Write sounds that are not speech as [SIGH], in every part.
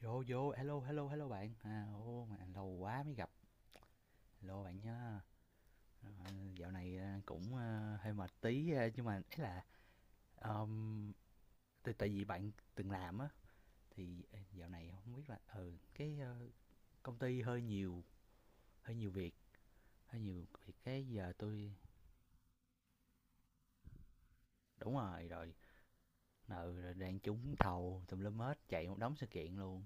Vô vô, hello hello hello bạn. À ô mà lâu quá mới gặp. Hello bạn nha. Ờ, dạo này à, cũng à, hơi mệt tí à, nhưng mà ấy là um, tại tại vì bạn từng làm á thì ê, dạo này không biết là ừ công ty hơi nhiều việc, hơi nhiều việc cái giờ tôi đúng rồi rồi. Ừ, rồi đang trúng thầu tùm lum hết, chạy một đống sự kiện luôn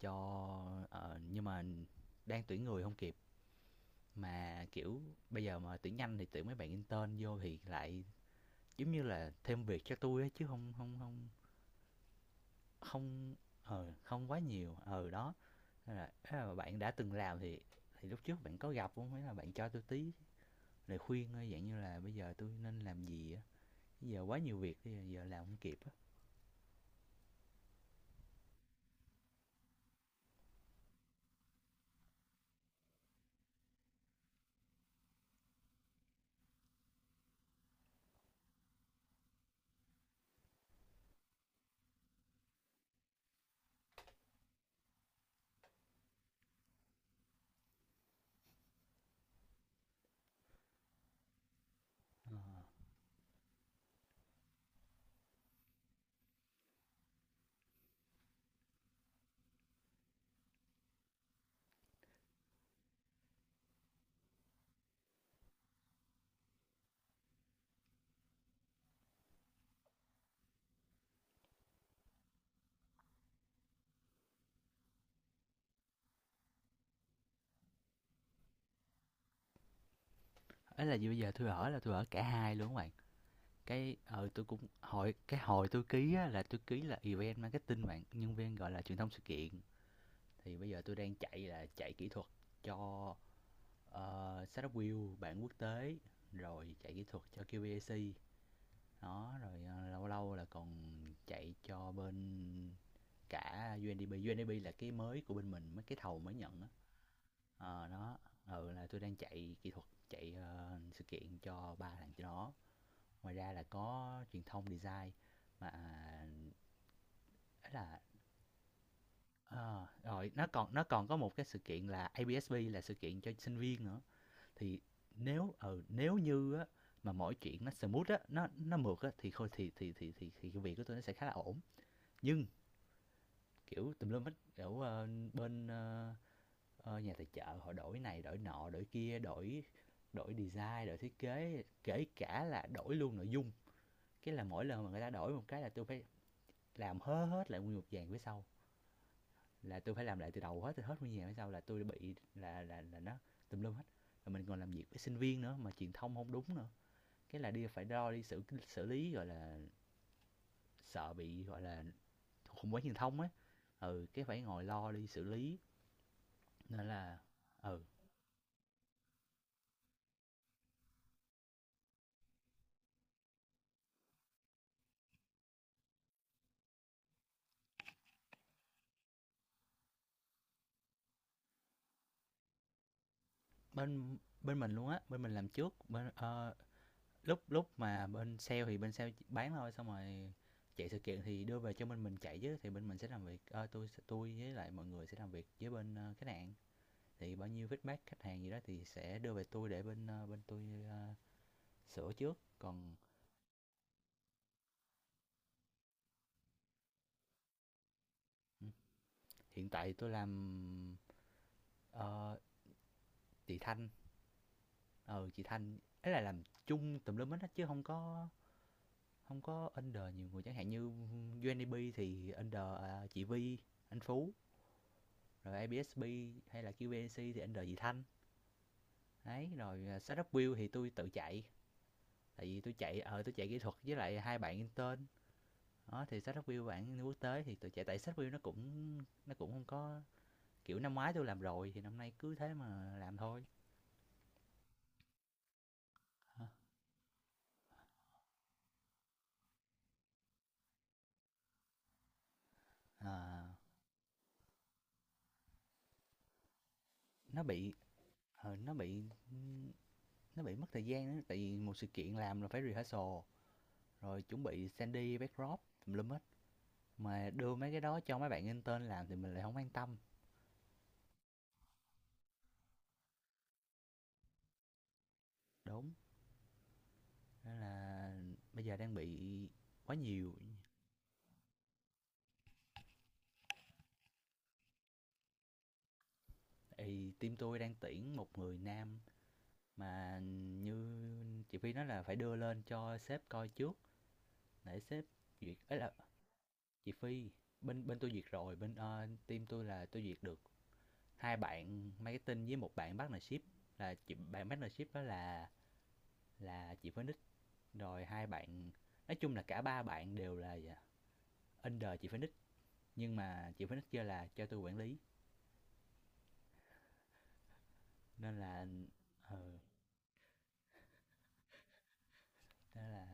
cho ờ, nhưng mà đang tuyển người không kịp, mà kiểu bây giờ mà tuyển nhanh thì tuyển mấy bạn intern vô thì lại giống như là thêm việc cho tôi á, chứ không không không không ờ không quá nhiều ờ đó. Nên là, thế là bạn đã từng làm thì lúc trước bạn có gặp không, hay là bạn cho tôi tí lời khuyên thôi dạng như là bây giờ tôi nên làm gì á, bây giờ quá nhiều việc bây giờ, giờ làm không kịp á. Ấy là gì bây giờ tôi ở là tôi ở cả hai luôn các bạn. Cái ờ tôi cũng hồi cái hồi tôi ký á là tôi ký là event marketing, bạn nhân viên gọi là truyền thông sự kiện. Thì bây giờ tôi đang chạy là chạy kỹ thuật cho setup wheel bản quốc tế, rồi chạy kỹ thuật cho QBAC đó, rồi ờ, lâu lâu là còn chạy cho bên cả UNDP. UNDP là cái mới của bên mình, mấy cái thầu mới nhận á. Ờ đó, ừ là tôi đang chạy kỹ thuật chạy ờ, sự kiện cho ba thằng cho nó. Ngoài ra là có truyền thông design mà à, ấy là Ờ, rồi nó còn có một cái sự kiện là ABSB, là sự kiện cho sinh viên nữa. Thì nếu ừ, nếu như á mà mọi chuyện nó smooth á, nó mượt á thì thôi thì cái việc của tôi nó sẽ khá là ổn. Nhưng kiểu tùm lum hết kiểu ờ, bên ờ, ờ, nhà tài trợ họ đổi này, đổi nọ, đổi kia, đổi đổi design, đổi thiết kế, kể cả là đổi luôn nội dung. Cái là mỗi lần mà người ta đổi một cái là tôi phải làm hớ hết lại nguyên một dàn phía sau, là tôi phải làm lại từ đầu hết, từ hết nguyên nhà mới sao là tôi bị là là nó tùm lum hết, rồi mình còn làm việc với sinh viên nữa mà truyền thông không đúng nữa, cái là đi phải đo đi xử xử lý gọi là sợ bị gọi là khủng bố truyền thông ấy. Ừ cái phải ngồi lo đi xử lý, nên là ừ bên bên mình luôn á, bên mình làm trước bên ờ, lúc lúc mà bên sale thì bên sale bán thôi, xong rồi chạy sự kiện thì đưa về cho bên mình chạy chứ, thì bên mình sẽ làm việc ờ, tôi với lại mọi người sẽ làm việc với bên ờ, khách hàng. Thì bao nhiêu feedback khách hàng gì đó thì sẽ đưa về tôi để bên ờ, bên tôi ờ, sửa trước còn ừ, hiện tại tôi làm ờ, chị Thanh. Ờ chị Thanh ấy là làm chung tùm lum hết á, chứ không có không có under nhiều người, chẳng hạn như UNDP thì under ờ, chị Vi, anh Phú, rồi ABSB hay là QBNC thì under chị Thanh. Đấy rồi ờ, startup build thì tôi tự chạy, tại vì tôi chạy ờ tôi chạy kỹ thuật với lại hai bạn intern đó. Thì sách review bạn quốc tế thì tụi trẻ, tại sách review nó cũng không có, kiểu năm ngoái tôi làm rồi thì năm nay cứ thế mà làm thôi. À, nó bị ờ, nó bị mất thời gian đó, tại vì một sự kiện làm là phải rehearsal rồi chuẩn bị sandy backdrop tùm lum hết, mà đưa mấy cái đó cho mấy bạn intern làm thì mình lại không an tâm. Đúng, nên là bây giờ đang bị quá nhiều. Thì team tôi đang tuyển một người nam. Mà như chị Phi nói là phải đưa lên cho sếp coi trước để sếp duyệt, ấy là chị Phi. Bên bên tôi duyệt rồi, bên ờ, team tôi là tôi duyệt được hai bạn marketing với một bạn partnership, là chị bạn partnership đó là chị Phoenix. Rồi hai bạn, nói chung là cả ba bạn đều là dạ, under chị Phoenix, nhưng mà chị Phoenix kêu là cho tôi quản lý, nên là ừ đó là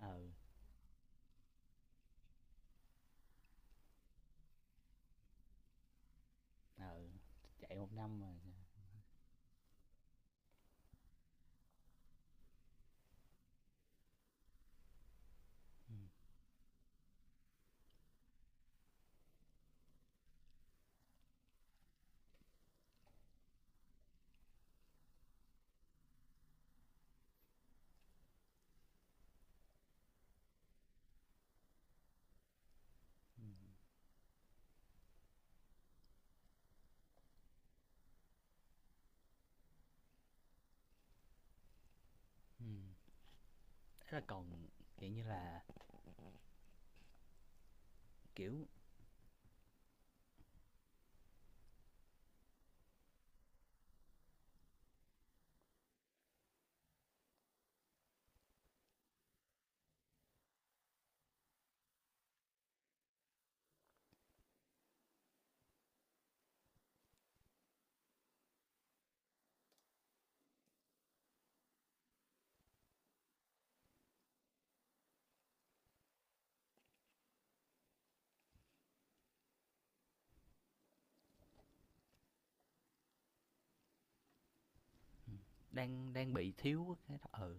ừ ừ chạy một năm rồi dạ. Ừ. Ừ. Thế là còn kiểu như là kiểu đang đang bị thiếu cái đó ừ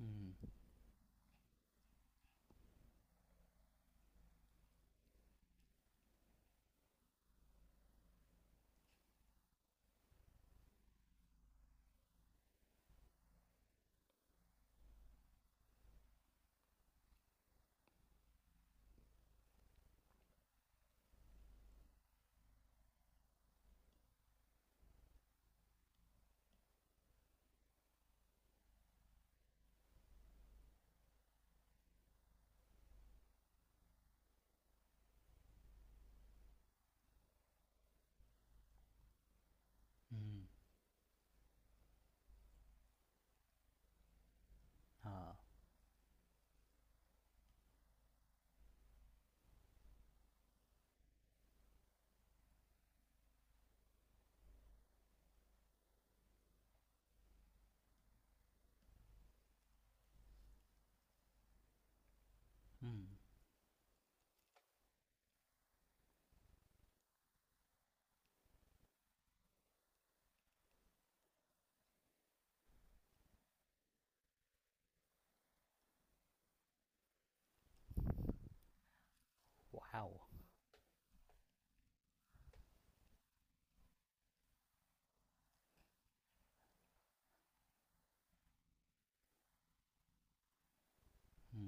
ừ ừ ờ ừ wow ừ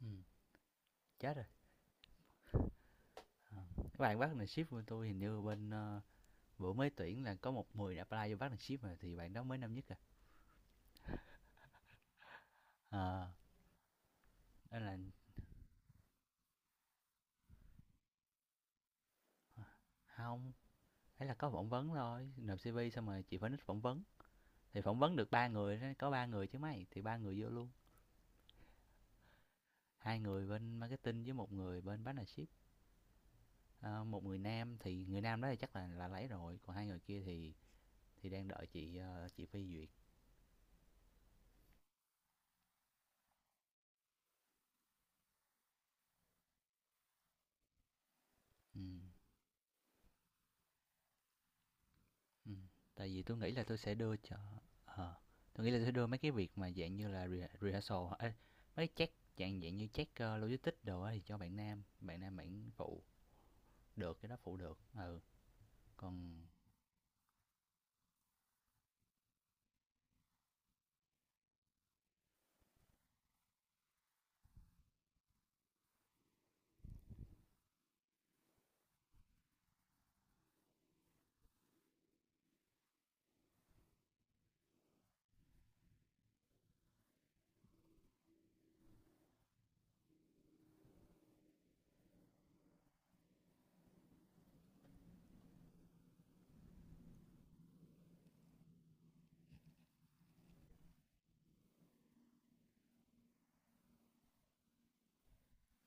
ừ chết rồi. Ờ. Các bạn partnership của tôi hình như bên ờ, bữa mới tuyển là có một người đã apply vô partnership rồi, thì bạn đó mới năm nhất à. Ờ nên là không, ấy là có phỏng vấn thôi, nộp cv xong rồi chị phải nít phỏng vấn. Thì phỏng vấn được ba người đó, có ba người chứ mấy, thì ba người vô luôn, hai người bên marketing với một người bên partnership. Ờ, một người nam thì người nam đó thì chắc là lấy rồi, còn hai người kia thì đang đợi chị, ờ, chị phê duyệt. Ừm, ừm, tại vì tôi nghĩ là tôi sẽ đưa cho ờ, tui nghĩ là tôi sẽ đưa mấy cái việc mà dạng như là re rehearsal ê, mấy check dạng dạng như check, ơ, logistics đồ á thì cho bạn nam, bạn nam bạn phụ được, cái đó phụ được, ừ. Còn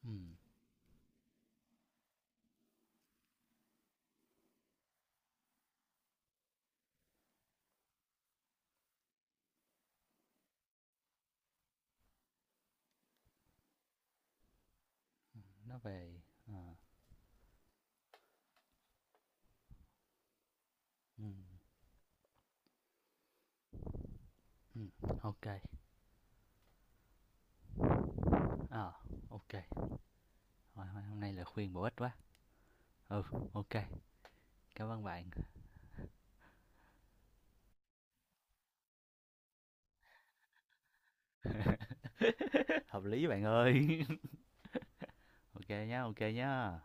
ừm, nó về ừm, ừm, ô kê, ờ, hôm nay là khuyên bổ ích quá. Ừ, ô cảm ơn bạn. [LAUGHS] Hợp lý bạn ơi. [LAUGHS] Ok nhá, ok nhá,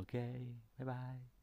ok, bye bye.